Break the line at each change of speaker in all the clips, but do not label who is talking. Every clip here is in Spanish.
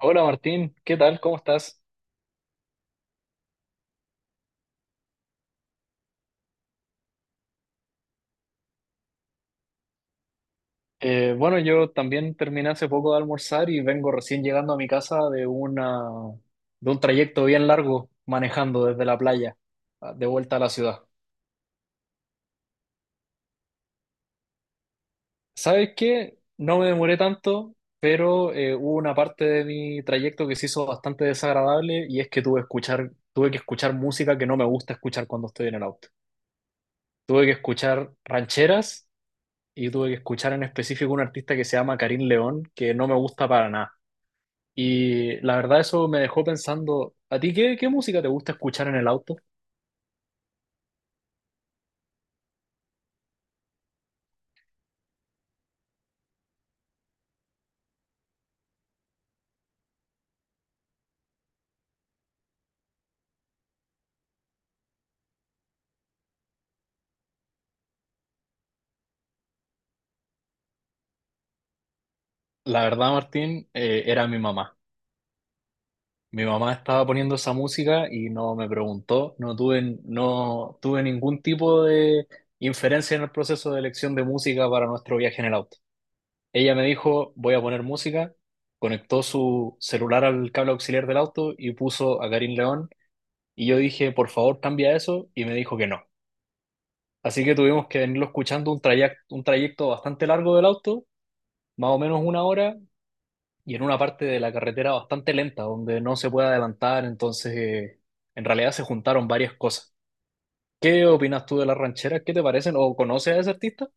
Hola Martín, ¿qué tal? ¿Cómo estás? Bueno, yo también terminé hace poco de almorzar y vengo recién llegando a mi casa de un trayecto bien largo manejando desde la playa de vuelta a la ciudad. ¿Sabes qué? No me demoré tanto, pero hubo una parte de mi trayecto que se hizo bastante desagradable y es que tuve que escuchar música que no me gusta escuchar cuando estoy en el auto. Tuve que escuchar rancheras y tuve que escuchar en específico un artista que se llama Karim León, que no me gusta para nada. Y la verdad eso me dejó pensando, ¿a ti qué música te gusta escuchar en el auto? La verdad, Martín, era mi mamá. Mi mamá estaba poniendo esa música y no me preguntó, no tuve ningún tipo de inferencia en el proceso de elección de música para nuestro viaje en el auto. Ella me dijo, voy a poner música, conectó su celular al cable auxiliar del auto y puso a Karim León y yo dije, por favor, cambia eso y me dijo que no. Así que tuvimos que venirlo escuchando un trayecto bastante largo del auto, más o menos una hora, y en una parte de la carretera bastante lenta, donde no se puede adelantar, entonces en realidad se juntaron varias cosas. ¿Qué opinas tú de las rancheras? ¿Qué te parecen? ¿O conoces a ese artista?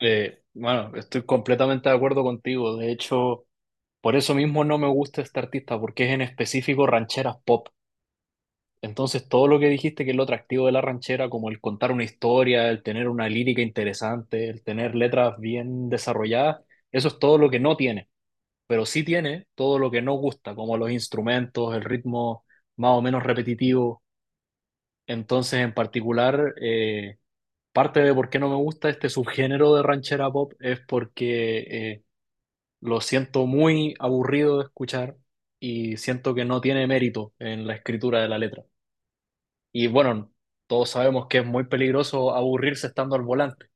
Bueno, estoy completamente de acuerdo contigo. De hecho, por eso mismo no me gusta este artista, porque es en específico rancheras pop. Entonces, todo lo que dijiste que es lo atractivo de la ranchera, como el contar una historia, el tener una lírica interesante, el tener letras bien desarrolladas, eso es todo lo que no tiene, pero sí tiene todo lo que no gusta, como los instrumentos, el ritmo más o menos repetitivo. Entonces, en particular, parte de por qué no me gusta este subgénero de ranchera pop es porque eh, lo siento muy aburrido de escuchar y siento que no tiene mérito en la escritura de la letra. Y bueno, todos sabemos que es muy peligroso aburrirse estando al volante.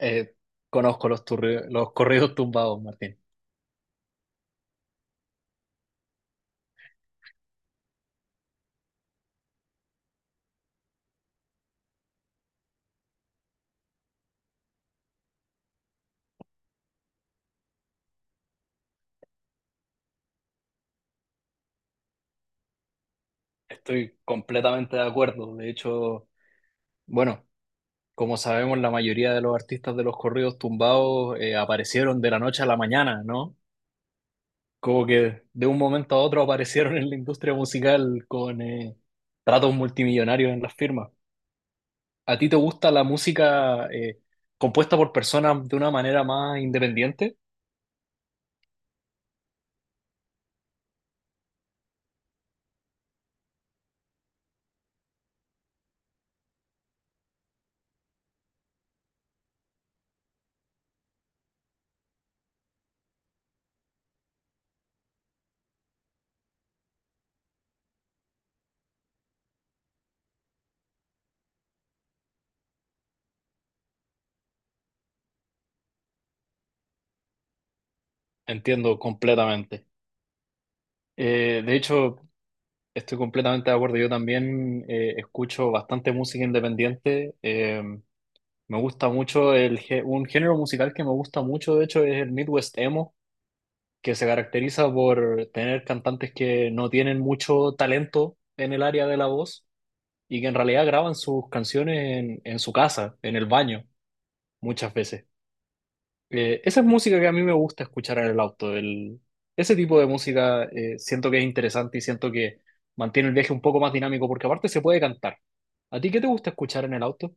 Eh, Conozco los corridos tumbados, Martín. Estoy completamente de acuerdo. De hecho, bueno, como sabemos, la mayoría de los artistas de los corridos tumbados aparecieron de la noche a la mañana, ¿no? Como que de un momento a otro aparecieron en la industria musical con tratos multimillonarios en las firmas. ¿A ti te gusta la música compuesta por personas de una manera más independiente? Entiendo completamente. De hecho, estoy completamente de acuerdo. Yo también escucho bastante música independiente. Me gusta mucho un género musical que me gusta mucho, de hecho, es el Midwest Emo, que se caracteriza por tener cantantes que no tienen mucho talento en el área de la voz y que en realidad graban sus canciones en su casa, en el baño, muchas veces. Esa es música que a mí me gusta escuchar en el auto. Ese tipo de música siento que es interesante y siento que mantiene el viaje un poco más dinámico porque aparte se puede cantar. ¿A ti qué te gusta escuchar en el auto?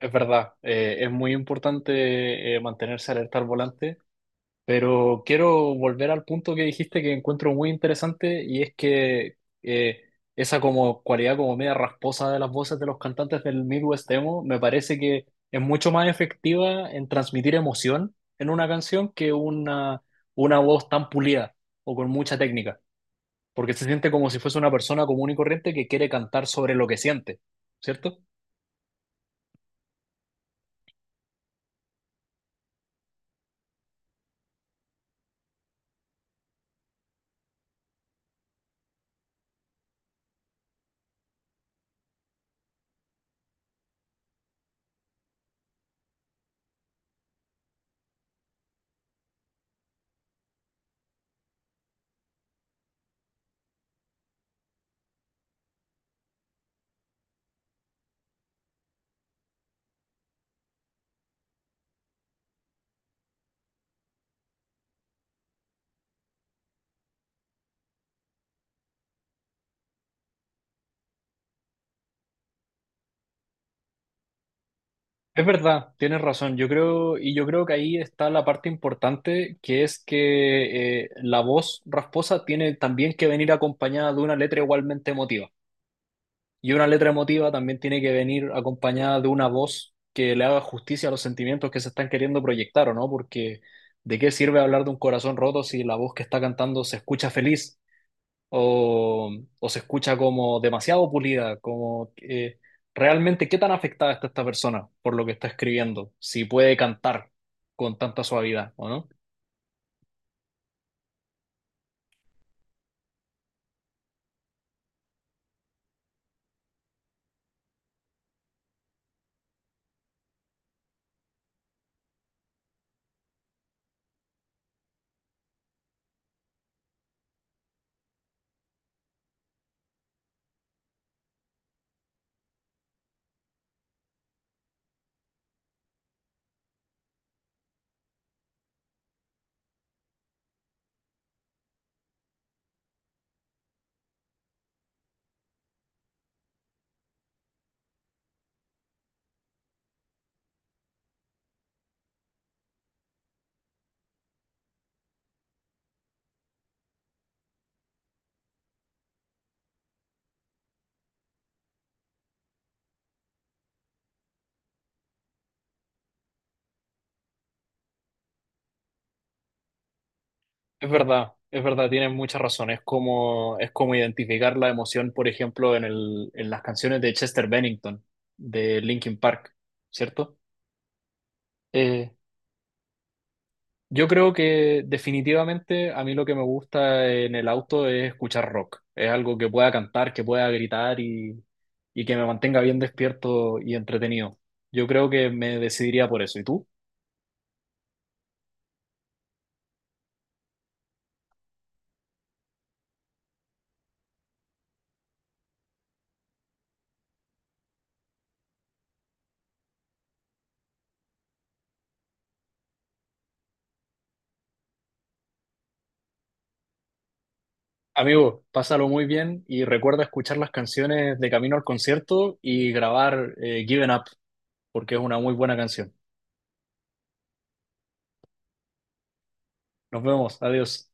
Es verdad, es muy importante mantenerse alerta al volante. Pero quiero volver al punto que dijiste que encuentro muy interesante y es que esa como cualidad como media rasposa de las voces de los cantantes del Midwest emo me parece que es mucho más efectiva en transmitir emoción en una canción que una voz tan pulida o con mucha técnica, porque se siente como si fuese una persona común y corriente que quiere cantar sobre lo que siente, ¿cierto? Es verdad, tienes razón. Y yo creo que ahí está la parte importante, que es que la voz rasposa tiene también que venir acompañada de una letra igualmente emotiva. Y una letra emotiva también tiene que venir acompañada de una voz que le haga justicia a los sentimientos que se están queriendo proyectar, ¿o no? Porque ¿de qué sirve hablar de un corazón roto si la voz que está cantando se escucha feliz? O, o se escucha como demasiado pulida, como realmente qué tan afectada está esta persona por lo que está escribiendo, si puede cantar con tanta suavidad o no. Es verdad, tienes mucha razón, es como identificar la emoción, por ejemplo, en las canciones de Chester Bennington, de Linkin Park, ¿cierto? Eh, Yo creo que definitivamente a mí lo que me gusta en el auto es escuchar rock. Es algo que pueda cantar, que pueda gritar y que me mantenga bien despierto y entretenido. Yo creo que me decidiría por eso. ¿Y tú? Amigo, pásalo muy bien y recuerda escuchar las canciones de camino al concierto y grabar Given Up, porque es una muy buena canción. Nos vemos, adiós.